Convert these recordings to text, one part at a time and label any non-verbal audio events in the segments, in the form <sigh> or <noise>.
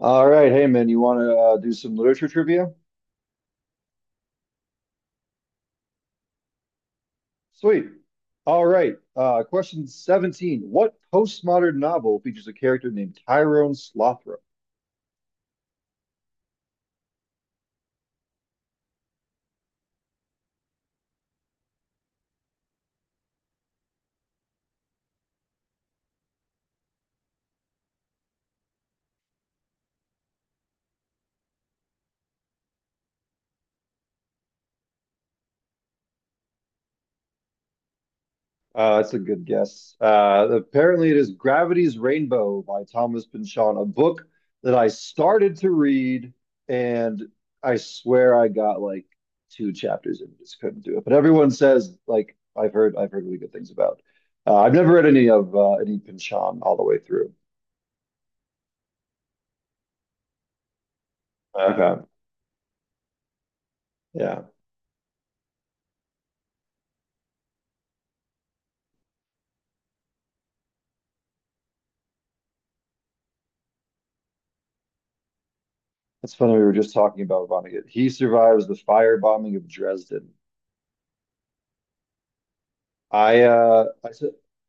All right, hey man, you want to do some literature trivia? Sweet. All right, question 17. What postmodern novel features a character named Tyrone Slothrop? That's a good guess. Apparently, it is Gravity's Rainbow by Thomas Pynchon, a book that I started to read, and I swear I got like two chapters and just couldn't do it. But everyone says like I've heard really good things about. I've never read any of any Pynchon all the way through. Okay. Yeah, that's funny. We were just talking about Vonnegut. He survives the firebombing of Dresden. I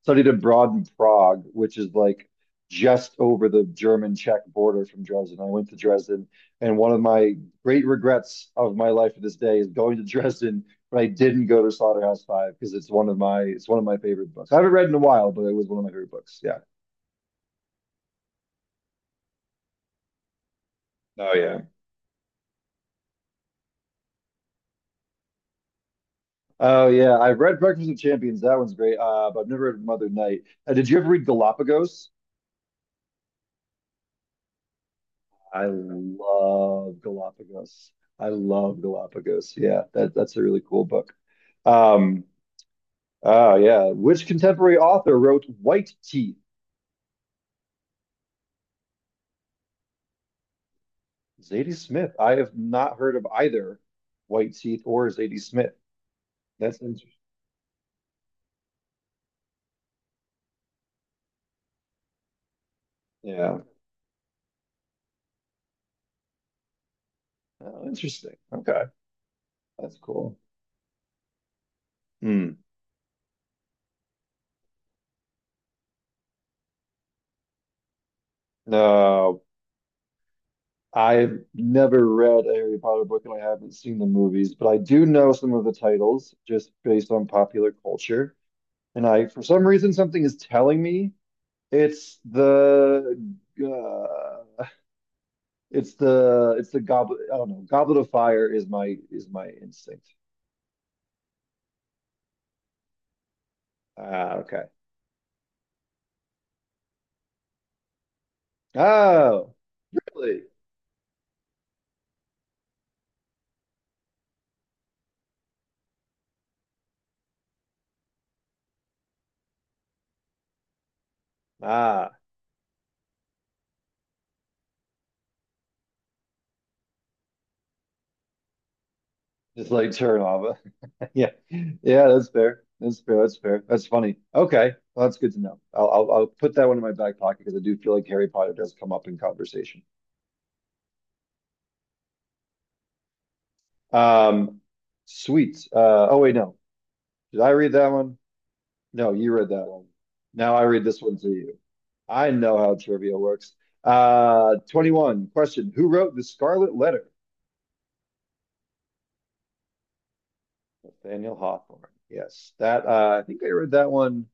studied abroad in Prague, which is like just over the German-Czech border from Dresden. I went to Dresden, and one of my great regrets of my life to this day is going to Dresden, but I didn't go to Slaughterhouse Five because it's one of my favorite books. I haven't read in a while, but it was one of my favorite books. Yeah. Oh yeah. Oh yeah. I've read Breakfast of Champions. That one's great. But I've never read Mother Night. Did you ever read Galapagos? I love Galapagos. I love Galapagos. Yeah, that's a really cool book. Um, oh yeah. Which contemporary author wrote White Teeth? Zadie Smith. I have not heard of either White Teeth or Zadie Smith. That's interesting. Yeah. Oh, interesting. Okay. That's cool. Hmm. No, I've never read a Harry Potter book and I haven't seen the movies, but I do know some of the titles just based on popular culture. And I, for some reason, something is telling me it's the uh, it's the goblet. I don't know. Goblet of Fire is my instinct. Ah, okay. Oh, really? Ah, just like turn off. <laughs> Yeah, yeah. That's fair. That's fair. That's fair. That's funny. Okay, well, that's good to know. I'll put that one in my back pocket because I do feel like Harry Potter does come up in conversation. Um, sweet. Oh wait, no. Did I read that one? No, you read that one. Now I read this one to you. I know how trivia works. 21 question. Who wrote The Scarlet Letter? Nathaniel Hawthorne. Yes, that I think I read that one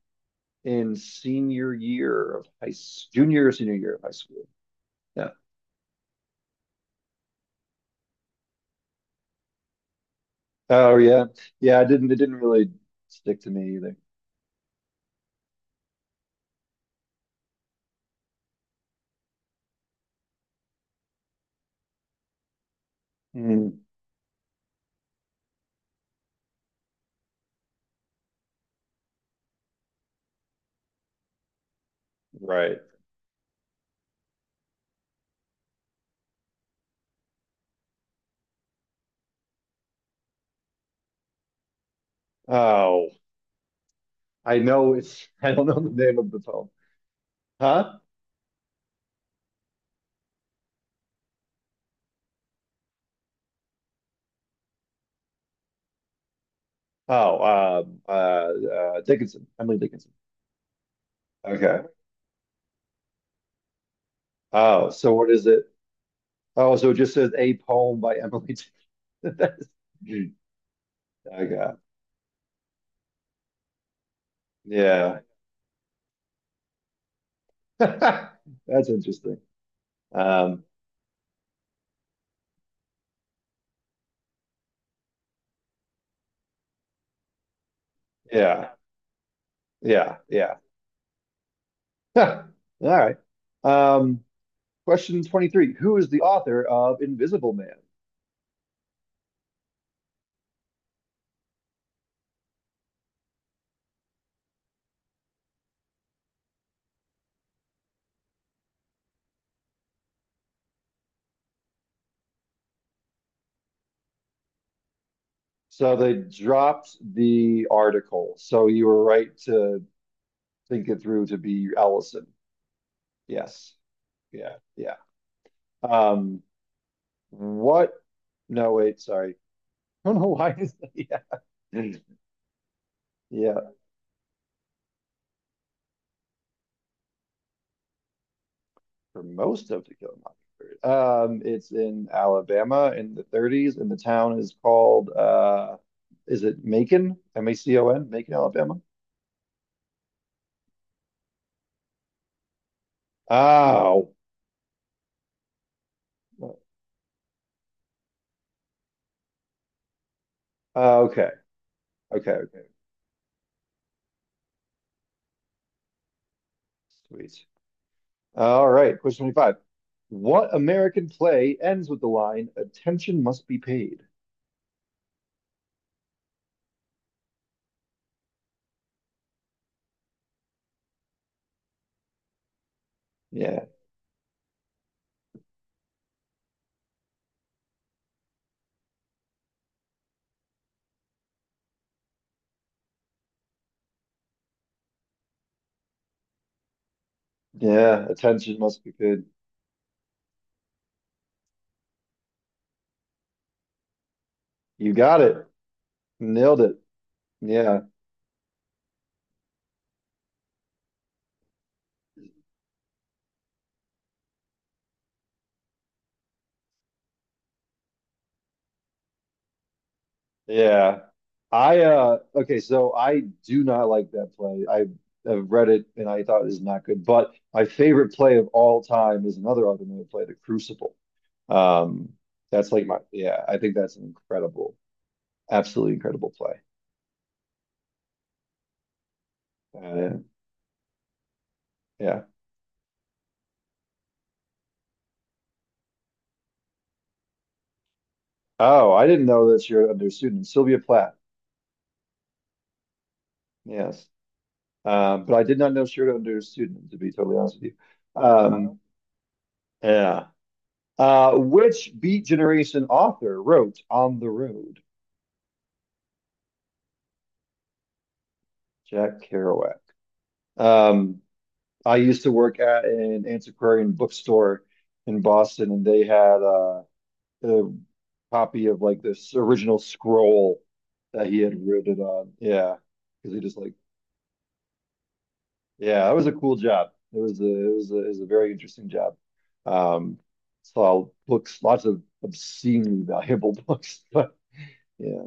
in senior year of junior or senior year of high school. Yeah. Oh yeah, yeah. I didn't. It didn't really stick to me either. Hmm. Right. Oh, I know it's. <laughs> I don't know the name of the poem. Huh? Oh, Dickinson. Emily Dickinson. Okay. Oh, so what is it? Oh, so it just says a poem by Emily. <laughs> That's, I got, yeah. <laughs> That's interesting. Um, yeah, yeah, yeah. <laughs> All right. Um, question 23. Who is the author of Invisible Man? So they dropped the article. So you were right to think it through to be Ellison. Yes. Yeah, yeah. Um, what? No, wait, sorry. <laughs> I don't know why. <laughs> Yeah. Yeah. For most of To Kill a Mockingbird. It's in Alabama in the 30s, and the town is called is it Macon? M A C O N, Macon, Alabama. Oh, uh, okay, okay, okay. Sweet. All right. Question 25. What American play ends with the line "Attention must be paid"? Yeah, yeah. Attention must be paid. You got it. Nailed it. Yeah. Yeah. I okay, so I do not like that play. I have read it and I thought it is not good. But my favorite play of all time is another automated play, The Crucible. Um, that's like my yeah, I think that's an incredible, absolutely incredible play. Uh, yeah. Oh, I didn't know that Shirley under student. Sylvia Plath. Yes. But I did not know Shirley under student, to be totally honest with you. Um, yeah. Which Beat Generation author wrote On the Road? Jack Kerouac. Um, I used to work at an antiquarian bookstore in Boston, and they had a copy of like this original scroll that he had written on. Yeah, because he just like yeah, that was a cool job. It was a, it was a very interesting job. Um, saw books, lots of obscenely valuable <laughs> books, but yeah.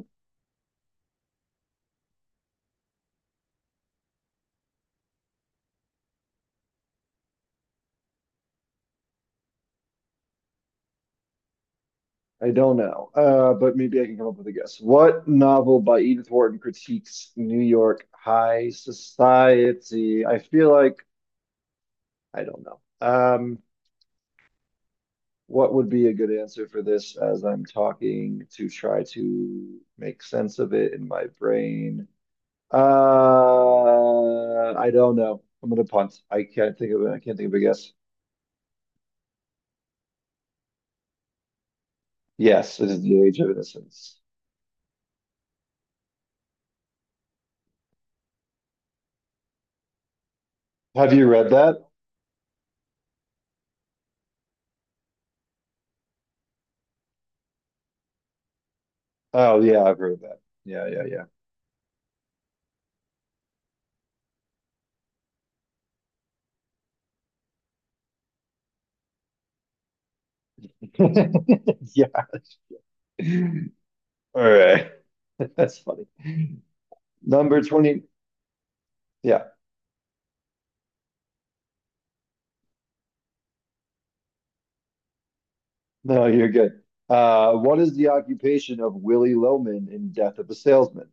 I don't know, but maybe I can come up with a guess. What novel by Edith Wharton critiques New York high society? I feel like I don't know. What would be a good answer for this as I'm talking to try to make sense of it in my brain? I don't know. I'm gonna punt. I can't think of it. I can't think of a guess. Yes, it is The Age of Innocence. Have you read that? Oh yeah, I've read that. Yeah, yeah, yeah. <laughs> Yeah. <laughs> All right. <laughs> That's funny. Number 20. Yeah. No, you're good. What is the occupation of Willy Loman in Death of a Salesman?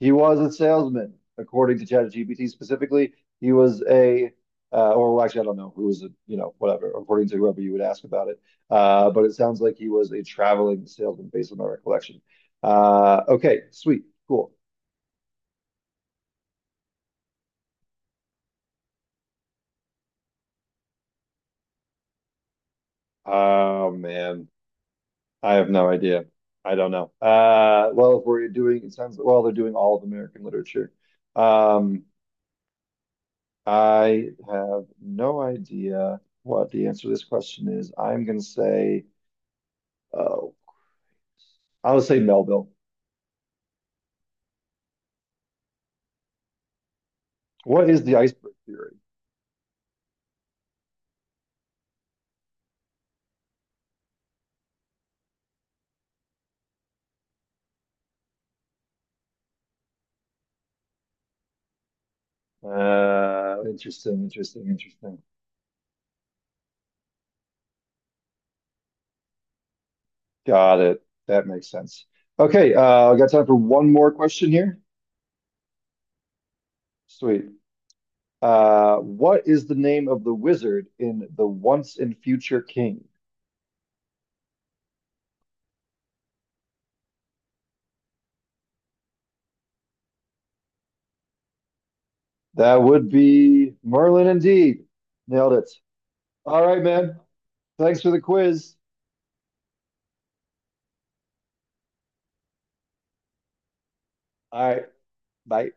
He was a salesman, according to ChatGPT specifically. He was a, or well, actually, I don't know who was a, you know, whatever, according to whoever you would ask about it. But it sounds like he was a traveling salesman based on my recollection. Okay, sweet, cool. Oh man. I have no idea. I don't know. Well, if we're doing, it sounds well, they're doing all of American literature. Um, I have no idea what the answer to this question is. I'm going to say, oh, I'll say Melville. What is the iceberg theory? Interesting, interesting, interesting. Got it. That makes sense. Okay, I got time for one more question here. Sweet. What is the name of the wizard in The Once and Future King? That would be Merlin indeed. Nailed it. All right, man. Thanks for the quiz. All right. Bye.